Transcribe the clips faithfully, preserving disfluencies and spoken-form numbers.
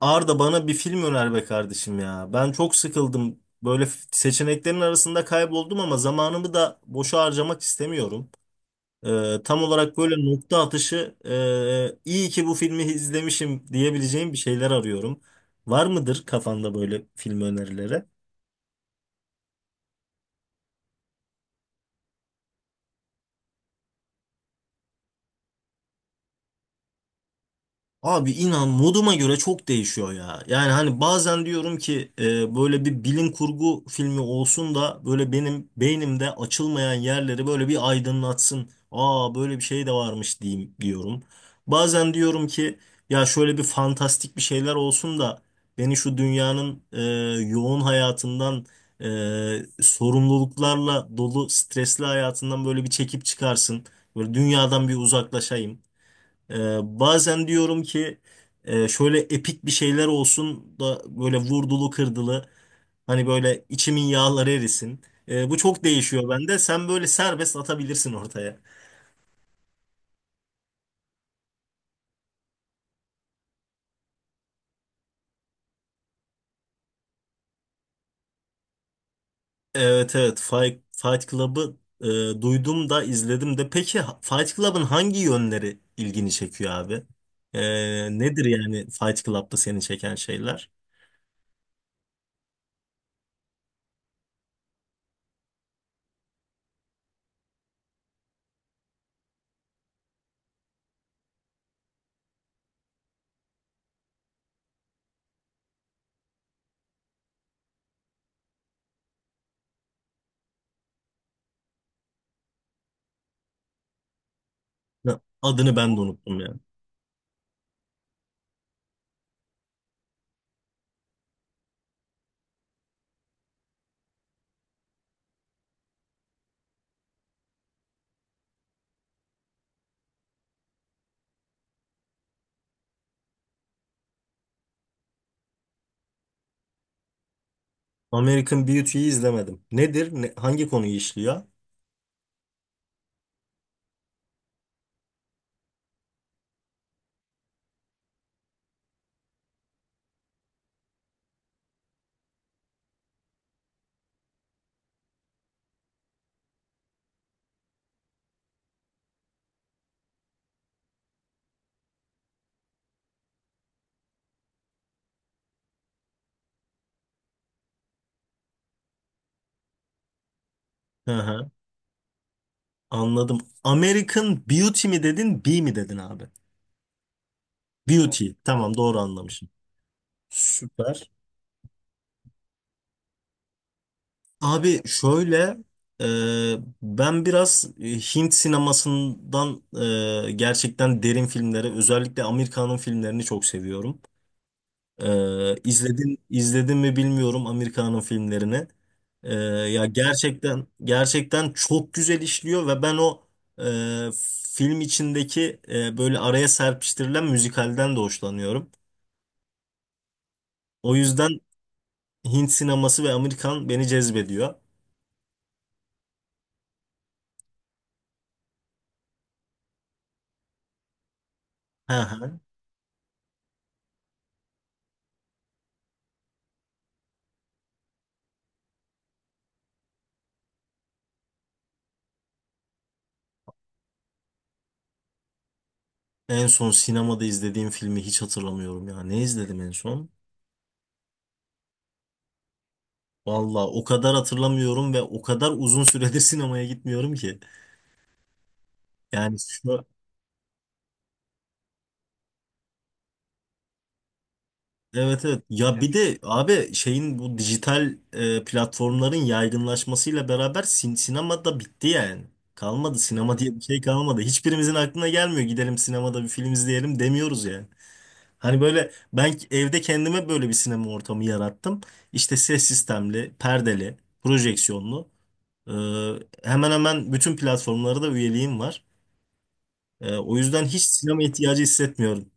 Arda, bana bir film öner be kardeşim ya. Ben çok sıkıldım. Böyle f- seçeneklerin arasında kayboldum ama zamanımı da boşa harcamak istemiyorum. Ee, tam olarak böyle nokta atışı e, iyi ki bu filmi izlemişim diyebileceğim bir şeyler arıyorum. Var mıdır kafanda böyle film önerileri? Abi, inan, moduma göre çok değişiyor ya. Yani hani bazen diyorum ki e, böyle bir bilim kurgu filmi olsun da böyle benim beynimde açılmayan yerleri böyle bir aydınlatsın. Aa, böyle bir şey de varmış diyeyim diyorum. Bazen diyorum ki ya, şöyle bir fantastik bir şeyler olsun da beni şu dünyanın e, yoğun hayatından, e, sorumluluklarla dolu stresli hayatından böyle bir çekip çıkarsın. Böyle dünyadan bir uzaklaşayım. Ee, Bazen diyorum ki e, şöyle epik bir şeyler olsun da böyle vurdulu kırdılı, hani böyle içimin yağları erisin. Ee, bu çok değişiyor bende. Sen böyle serbest atabilirsin ortaya. Evet, evet, Fight, Fight Club'ı e, duydum da, izledim de. Peki ha- Fight Club'ın hangi yönleri ilgini çekiyor abi? E, Nedir yani Fight Club'da seni çeken şeyler? Ne- Adını ben de unuttum ya. American Beauty'yi izlemedim. Nedir? Ne- hangi konuyu işliyor? Hı hı. Anladım. American Beauty mi dedin, B mi dedin abi? Beauty. Tamam, doğru anlamışım. Süper. Abi şöyle, e, ben biraz e, Hint sinemasından, e, gerçekten derin filmleri, özellikle Amerikan'ın filmlerini çok seviyorum. Ee, izledin izledin mi bilmiyorum Amerika'nın filmlerini. Ee, ya gerçekten, gerçekten çok güzel işliyor ve ben o e, film içindeki e, böyle araya serpiştirilen müzikalden de hoşlanıyorum. O yüzden Hint sineması ve Amerikan beni cezbediyor. Hı hı. En son sinemada izlediğim filmi hiç hatırlamıyorum ya. Ne izledim en son? Valla o kadar hatırlamıyorum ve o kadar uzun süredir sinemaya gitmiyorum ki. Yani şu, evet, evet. Ya, yani bir de abi şeyin, bu dijital e, platformların yaygınlaşmasıyla beraber sin sinema da bitti yani. Kalmadı sinema, evet, diye bir şey kalmadı. Hiçbirimizin aklına gelmiyor, gidelim sinemada bir film izleyelim demiyoruz yani. Hani böyle ben evde kendime böyle bir sinema ortamı yarattım. İşte ses sistemli, perdeli, projeksiyonlu. E, Hemen hemen bütün platformlara da üyeliğim var. E, o yüzden hiç sinema ihtiyacı hissetmiyorum.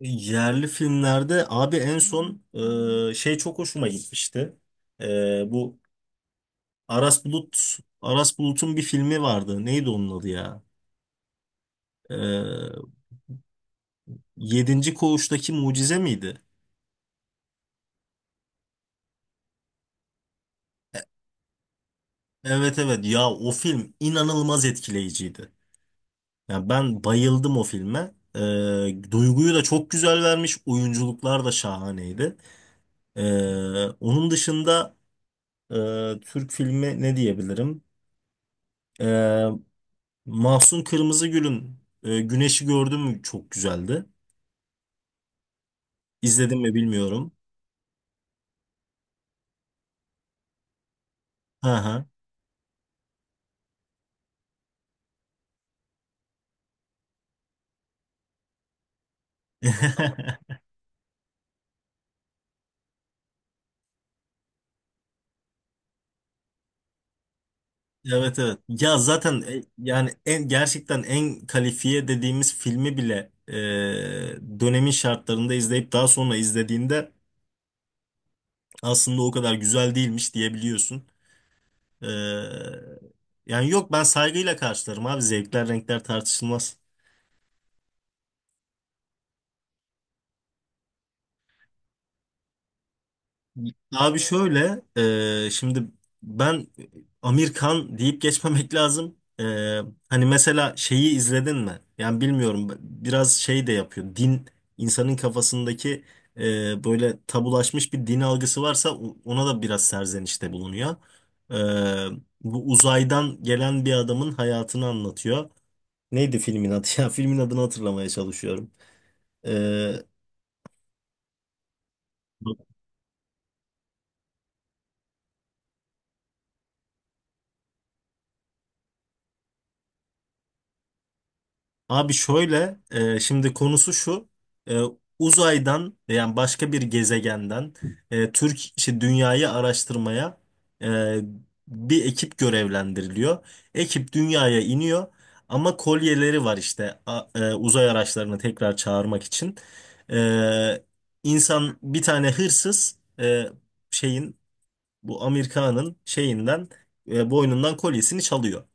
Yerli filmlerde abi en son e, şey çok hoşuma gitmişti. E, bu Aras Bulut Aras Bulut'un bir filmi vardı. Neydi onun adı ya? E, Yedinci Koğuş'taki Mucize miydi? Evet, evet ya, o film inanılmaz etkileyiciydi. Yani ben bayıldım o filme. E, duyguyu da çok güzel vermiş. Oyunculuklar da şahaneydi. E, Onun dışında e, Türk filmi ne diyebilirim? E, Mahsun Kırmızıgül'ün e, Güneşi Gördün Mü, çok güzeldi. İzledim mi bilmiyorum. Hı hı. Evet, evet. Ya zaten e, yani en gerçekten en kalifiye dediğimiz filmi bile e, dönemin şartlarında izleyip daha sonra izlediğinde aslında o kadar güzel değilmiş diyebiliyorsun. E, Yani yok, ben saygıyla karşılarım abi. Zevkler renkler tartışılmaz. Abi şöyle, e, şimdi ben Amerikan deyip geçmemek lazım. E, hani mesela şeyi izledin mi? Yani bilmiyorum, biraz şey de yapıyor. Din, insanın kafasındaki e, böyle tabulaşmış bir din algısı varsa o- ona da biraz serzenişte bulunuyor. E, Bu uzaydan gelen bir adamın hayatını anlatıyor. Neydi filmin adı ya? Filmin adını hatırlamaya çalışıyorum. E, Abi şöyle, e, şimdi konusu şu, e, uzaydan yani başka bir gezegenden e, Türk, işte dünyayı araştırmaya e, bir ekip görevlendiriliyor. Ekip dünyaya iniyor ama kolyeleri var işte a- e, uzay araçlarını tekrar çağırmak için. E, insan bir tane hırsız, e, şeyin, bu Amerika'nın şeyinden, e, boynundan kolyesini çalıyor.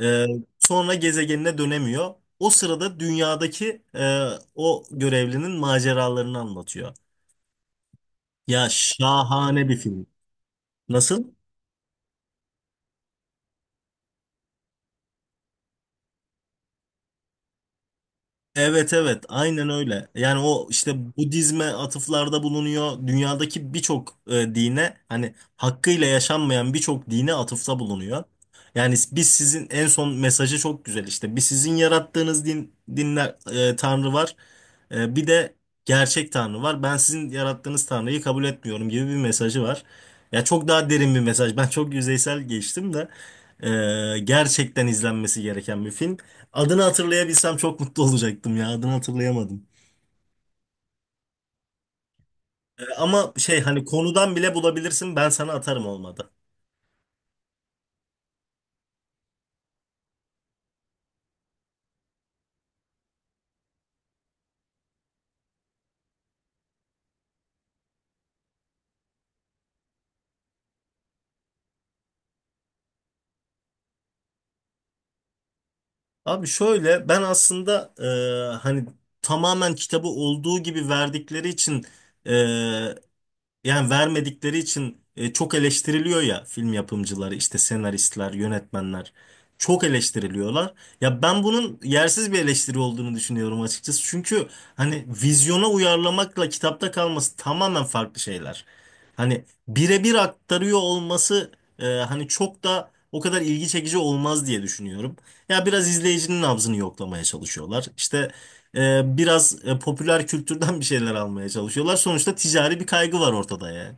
Ee, Sonra gezegenine dönemiyor. O sırada dünyadaki e, o görevlinin maceralarını anlatıyor. Ya şahane bir film. Nasıl? Evet, evet, aynen öyle. Yani o işte Budizme atıflarda bulunuyor. Dünyadaki birçok e, dine, hani hakkıyla yaşanmayan birçok dine atıfta bulunuyor. Yani biz sizin en son mesajı çok güzel işte. Bir, sizin yarattığınız din, dinler, e, tanrı var. E, bir de gerçek tanrı var. Ben sizin yarattığınız tanrıyı kabul etmiyorum gibi bir mesajı var. Ya çok daha derin bir mesaj. Ben çok yüzeysel geçtim de e, gerçekten izlenmesi gereken bir film. Adını hatırlayabilsem çok mutlu olacaktım ya. Adını hatırlayamadım. Ee, ama şey, hani konudan bile bulabilirsin. Ben sana atarım olmadı. Abi şöyle, ben aslında e, hani tamamen kitabı olduğu gibi verdikleri için, e, yani vermedikleri için e, çok eleştiriliyor ya, film yapımcıları, işte senaristler, yönetmenler çok eleştiriliyorlar. Ya ben bunun yersiz bir eleştiri olduğunu düşünüyorum açıkçası. Çünkü hani vizyona uyarlamakla kitapta kalması tamamen farklı şeyler. Hani birebir aktarıyor olması e, hani çok da o kadar ilgi çekici olmaz diye düşünüyorum. Ya biraz izleyicinin nabzını yoklamaya çalışıyorlar. İşte e, biraz e, popüler kültürden bir şeyler almaya çalışıyorlar. Sonuçta ticari bir kaygı var ortada ya.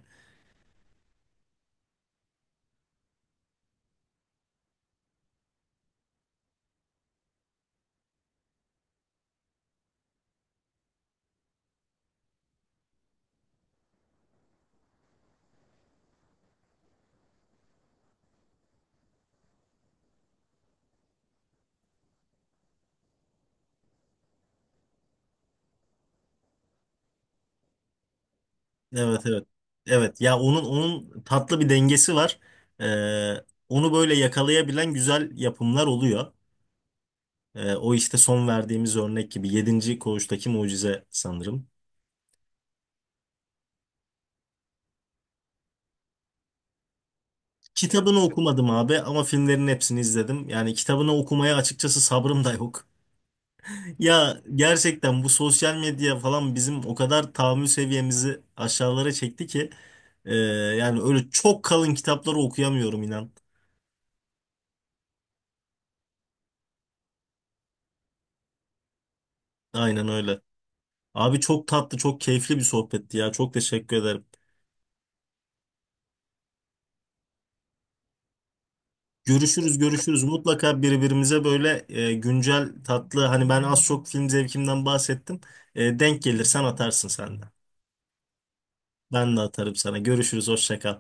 Evet, evet. Evet ya, onun onun tatlı bir dengesi var. E, Onu böyle yakalayabilen güzel yapımlar oluyor. E, o işte son verdiğimiz örnek gibi, Yedinci Koğuştaki Mucize sanırım. Kitabını okumadım abi ama filmlerin hepsini izledim. Yani kitabını okumaya açıkçası sabrım da yok. Ya gerçekten bu sosyal medya falan bizim o kadar tahammül seviyemizi aşağılara çekti ki e, yani öyle çok kalın kitapları okuyamıyorum inan. Aynen öyle. Abi, çok tatlı, çok keyifli bir sohbetti ya. Çok teşekkür ederim. Görüşürüz, görüşürüz. Mutlaka birbirimize böyle e, güncel, tatlı, hani ben az çok film zevkimden bahsettim. E, denk gelirsen atarsın sen de. Ben de atarım sana. Görüşürüz, hoşça kal.